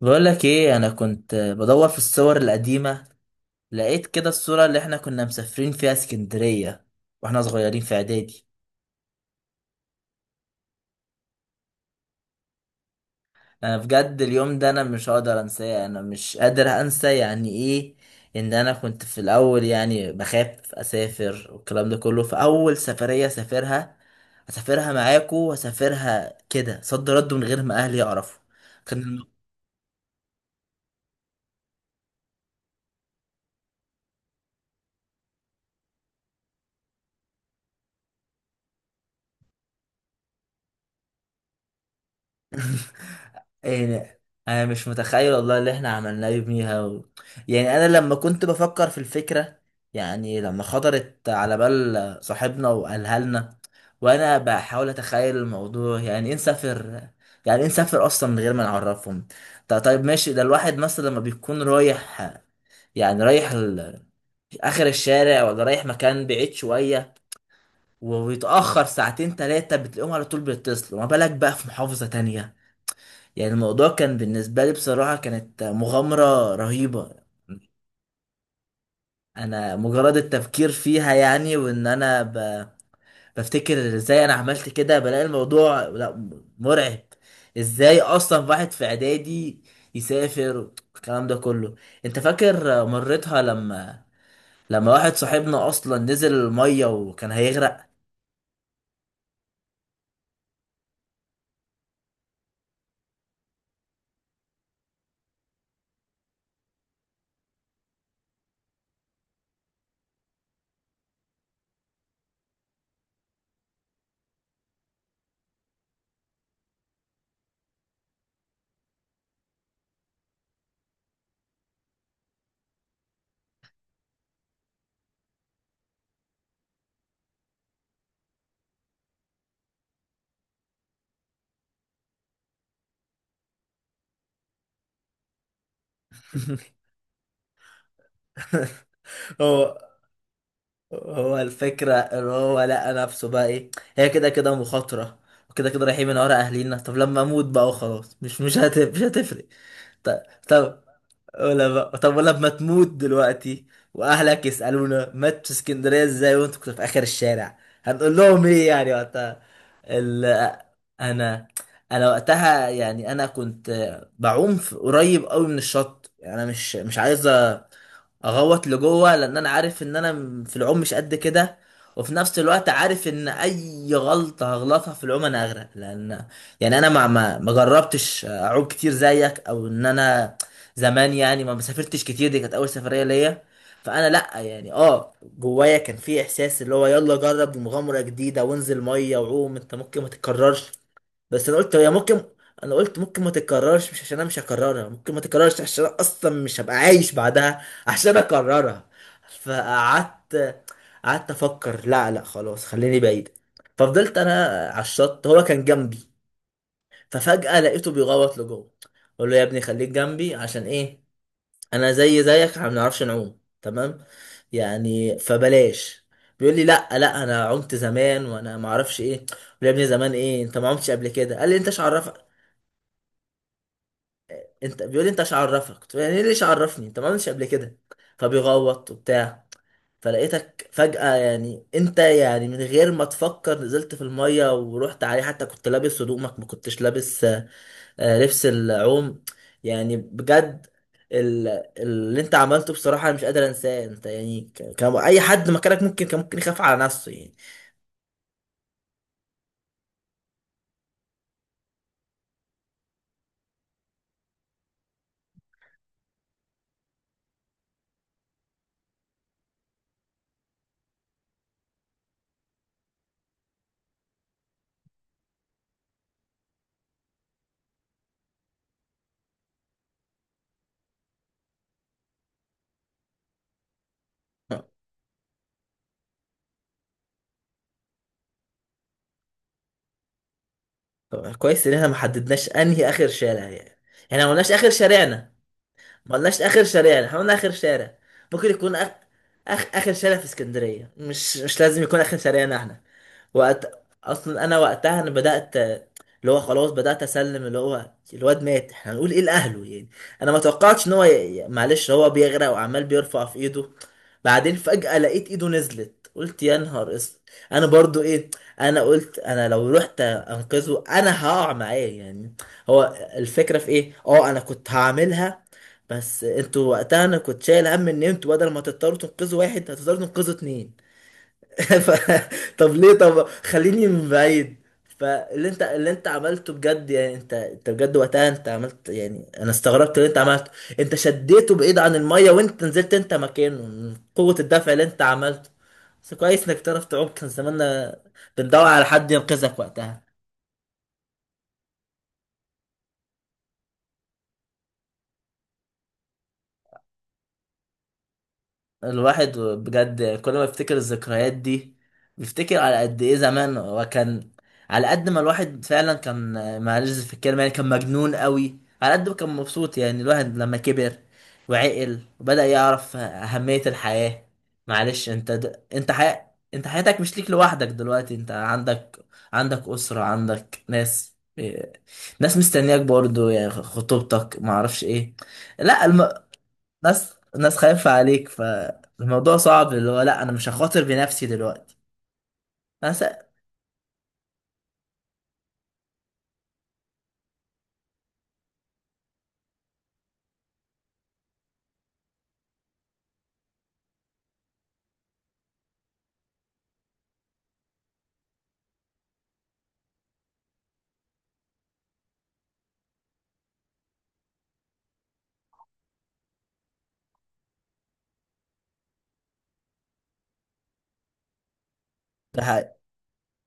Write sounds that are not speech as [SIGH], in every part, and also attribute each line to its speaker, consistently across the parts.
Speaker 1: بقول لك ايه؟ انا كنت بدور في الصور القديمه، لقيت كده الصوره اللي احنا كنا مسافرين فيها اسكندريه واحنا صغيرين في اعدادي. انا بجد اليوم ده انا مش هقدر انساه، انا مش قادر انسى. يعني ايه ان انا كنت في الاول يعني بخاف اسافر والكلام ده كله، فاول سفريه سافرها اسافرها معاكو واسافرها كده صد رد من غير ما اهلي يعرفوا. كان، يعني انا مش متخيل والله اللي احنا عملناه يوميها يعني انا لما كنت بفكر في الفكره، يعني لما خطرت على بال صاحبنا وقالها لنا، وانا بحاول اتخيل الموضوع، يعني ايه نسافر؟ يعني ايه نسافر اصلا من غير ما نعرفهم؟ طب طيب ماشي، ده الواحد مثلا لما بيكون رايح يعني رايح اخر الشارع، ولا رايح مكان بعيد شويه ويتاخر ساعتين ثلاثه بتلاقيهم على طول بيتصلوا، ما بالك بقى في محافظه تانية. يعني الموضوع كان بالنسبة لي بصراحة كانت مغامرة رهيبة. انا مجرد التفكير فيها، يعني وان انا بفتكر ازاي انا عملت كده، بلاقي الموضوع لا، مرعب. ازاي اصلا واحد في اعدادي يسافر الكلام ده كله؟ انت فاكر مرتها لما واحد صاحبنا اصلا نزل المية وكان هيغرق؟ [LAUGHS] اه، هو الفكرة ان هو لقى نفسه بقى ايه، هي كده كده مخاطرة وكده كده رايحين من ورا اهلينا، طب لما اموت بقى وخلاص، مش هتفرق. طب طب ولا بقى، طب ولا لما تموت دلوقتي واهلك يسألونا مات في اسكندرية ازاي وانت كنت في اخر الشارع، هنقول لهم ايه يعني وقتها؟ ال... انا انا وقتها يعني انا كنت بعوم قريب قوي من الشط، يعني انا مش عايز اغوط لجوه، لان انا عارف ان انا في العوم مش قد كده، وفي نفس الوقت عارف ان اي غلطه هغلطها في العوم انا اغرق، لان يعني انا ما جربتش اعوم كتير زيك، او ان انا زمان يعني ما مسافرتش كتير. دي كانت اول سفريه ليا، فانا لا يعني، جوايا كان في احساس اللي هو يلا جرب مغامره جديده وانزل ميه وعوم، انت ممكن ما تتكررش. بس انا قلت هي ممكن، انا قلت ممكن ما تتكررش مش عشان انا مش هكررها، ممكن ما تتكررش عشان انا اصلا مش هبقى عايش بعدها عشان اكررها. فقعدت قعدت افكر لا لا خلاص، خليني بعيد. ففضلت انا على الشط، هو كان جنبي، ففجأة لقيته بيغوط لجوه، اقول له يا ابني خليك جنبي عشان ايه؟ انا زي زيك، احنا ما بنعرفش نعوم تمام، يعني فبلاش. بيقول لي لا لا انا عمت زمان، وانا ما اعرفش ايه، قلت له يا ابني زمان ايه؟ انت ما عمتش قبل كده. قال لي انت ايش عرفك؟ انت بيقول لي انت مش عرفك، قلت له يعني ايه ليش عرفني؟ انت ما عملتش قبل كده. فبيغوط وبتاع، فلقيتك فجأة يعني انت يعني من غير ما تفكر نزلت في المية ورحت عليه، حتى كنت لابس هدومك، ما كنتش لابس لبس العوم. يعني بجد، ال- اللي انت عملته بصراحة انا مش قادر انساه. انت يعني كان اي حد مكانك كان ممكن يخاف على نفسه يعني. طب كويس ان احنا ما حددناش انهي اخر شارع، يعني احنا ما قلناش اخر شارعنا، ما قلناش اخر شارع، احنا قلنا اخر شارع. ممكن يكون اخر شارع في اسكندريه، مش لازم يكون اخر شارعنا احنا. وقت اصلا انا وقتها انا بدات اللي هو خلاص، بدات اسلم اللي هو الواد مات، احنا هنقول ايه لاهله يعني؟ انا ما توقعتش ان هو معلش هو بيغرق وعمال بيرفع في ايده، بعدين فجاه لقيت ايده نزلت قلت يا نهار اسود. انا برضو ايه؟ انا قلت انا لو رحت انقذه انا هقع معاه يعني، هو الفكره في ايه. اه، انا كنت هعملها، بس انتوا وقتها انا كنت شايل هم ان انتوا بدل ما تضطروا تنقذوا واحد هتضطروا تنقذوا اتنين. [LAUGHS] ف... طب ليه؟ طب خليني من بعيد. فاللي انت اللي انت عملته بجد، يعني انت بجد وقتها انت عملت، يعني انا استغربت اللي انت عملته. انت شديته بعيد عن الميه وانت نزلت انت مكانه، من قوة الدفع اللي انت عملته. بس كويس انك تعرف تعوم، كان زماننا بندور على حد ينقذك وقتها. الواحد بجد كل ما يفتكر الذكريات دي، بيفتكر على قد ايه زمان وكان، على قد ما الواحد فعلا كان، معلش في الكلمة يعني، كان مجنون قوي على قد ما كان مبسوط. يعني الواحد لما كبر وعقل وبدأ يعرف أهمية الحياة، معلش انت انت انت حياتك مش ليك لوحدك دلوقتي، انت عندك أسرة، عندك ناس إيه، ناس مستنياك برضو، يعني خطوبتك معرفش ايه. لا ناس ناس خايفة عليك، فالموضوع صعب، اللي هو لا انا مش هخاطر بنفسي دلوقتي. انا س... ده حقيقي،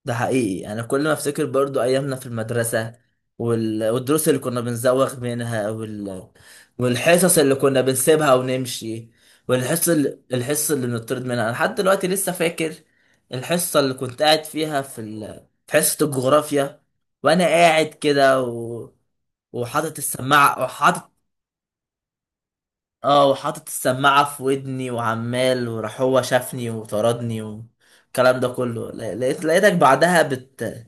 Speaker 1: ده حقيقي. انا كل ما افتكر برضو ايامنا في المدرسة والدروس اللي كنا بنزوغ منها والحصص اللي كنا بنسيبها ونمشي، الحصة اللي بنطرد منها انا لحد دلوقتي لسه فاكر. الحصة اللي كنت قاعد فيها في حصة الجغرافيا، وانا قاعد كده وحاطط السماعة، وحاطط السماعة في ودني وعمال، وراح هو شافني وطردني والكلام ده كله. لقيتك بعدها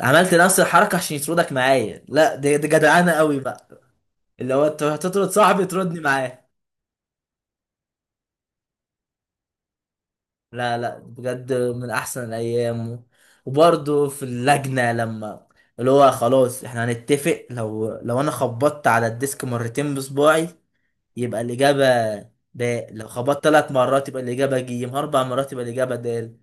Speaker 1: عملت نفس الحركة عشان يطردك معايا. لا دي جدعانة قوي بقى، اللي هو انت هتطرد صاحبي تردني معاه. لا لا بجد من احسن الايام وبرضه في اللجنة، لما اللي هو خلاص احنا هنتفق، لو انا خبطت على الديسك مرتين بصباعي يبقى الإجابة باء، لو خبطت 3 مرات يبقى الإجابة جيم، 4 مرات يبقى الإجابة د.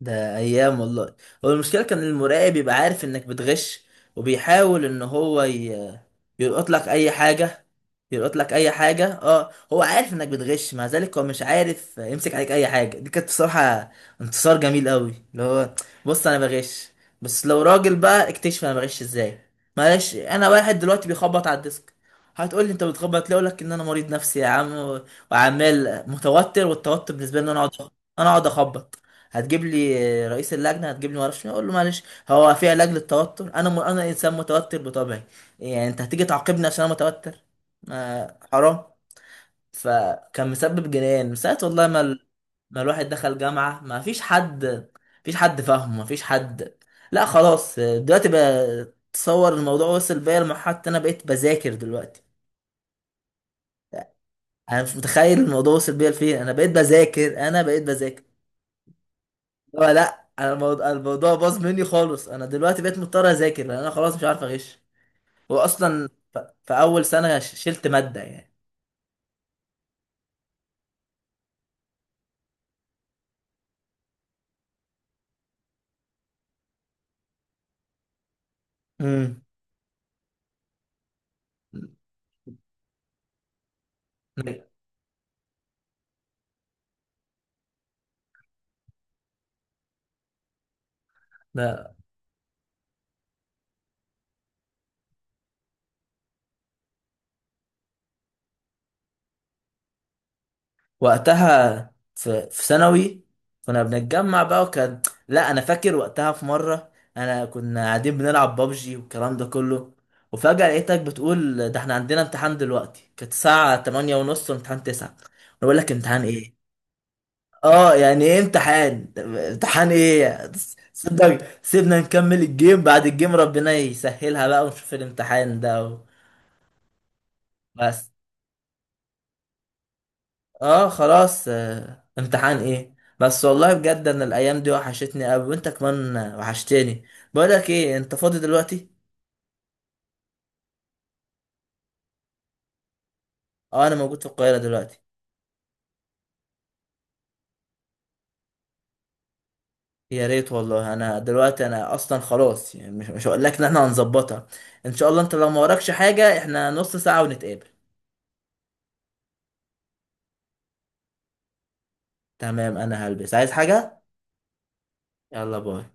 Speaker 1: ده ايام والله. هو المشكله كان المراقب يبقى عارف انك بتغش، وبيحاول ان هو يلقط لك اي حاجه، يلقط لك اي حاجه. اه، هو عارف انك بتغش مع ذلك هو مش عارف يمسك عليك اي حاجه. دي كانت بصراحه انتصار جميل قوي، اللي هو بص انا بغش، بس لو راجل بقى اكتشف انا بغش ازاي. معلش انا واحد دلوقتي بيخبط على الديسك، هتقول لي انت بتخبط ليه؟ اقول لك ان انا مريض نفسي يا عم وعمال متوتر، والتوتر بالنسبه لي ان انا اقعد اخبط. هتجيب لي رئيس اللجنه، هتجيب لي ما اعرفش مين، اقول له معلش، هو في علاج للتوتر؟ انا انسان متوتر بطبعي. يعني انت هتيجي تعاقبني عشان انا متوتر؟ ما حرام. فكان مسبب جنان من ساعة والله ما ما الواحد دخل جامعة، ما فيش حد، ما فيش حد فاهمه، ما فيش حد. لا خلاص دلوقتي بقى، تصور الموضوع وصل بيا لمرحلة انا بقيت بذاكر دلوقتي. انا مش متخيل الموضوع وصل بيا لفين، انا بقيت بذاكر، انا بقيت بذاكر. لا لا انا الموضوع باظ مني خالص. انا دلوقتي بقيت مضطر اذاكر لان انا خلاص مش عارف اغش، واصلا في اول سنة شلت مادة يعني. امم لا، وقتها في ثانوي كنا بنتجمع بقى وكان، لا انا فاكر وقتها في مره كنا قاعدين بنلعب بابجي والكلام ده كله، وفجاه لقيتك بتقول ده احنا عندنا امتحان دلوقتي. كانت الساعه 8 ونص وامتحان 9. انا بقول لك امتحان ايه؟ اه يعني ايه امتحان ايه؟ صدق سيبنا نكمل الجيم، بعد الجيم ربنا يسهلها بقى ونشوف الامتحان ده. بس اه خلاص، امتحان ايه بس، والله بجد انا الايام دي وحشتني قوي، وانت كمان وحشتني. بقولك ايه، انت فاضي دلوقتي؟ اه، انا موجود في القاهرة دلوقتي. يا ريت والله، انا دلوقتي انا اصلا خلاص يعني مش هقول لك ان احنا هنظبطها، ان شاء الله انت لو ما وراكش حاجة احنا نص ساعة ونتقابل. تمام، انا هلبس، عايز حاجة؟ يلا باي.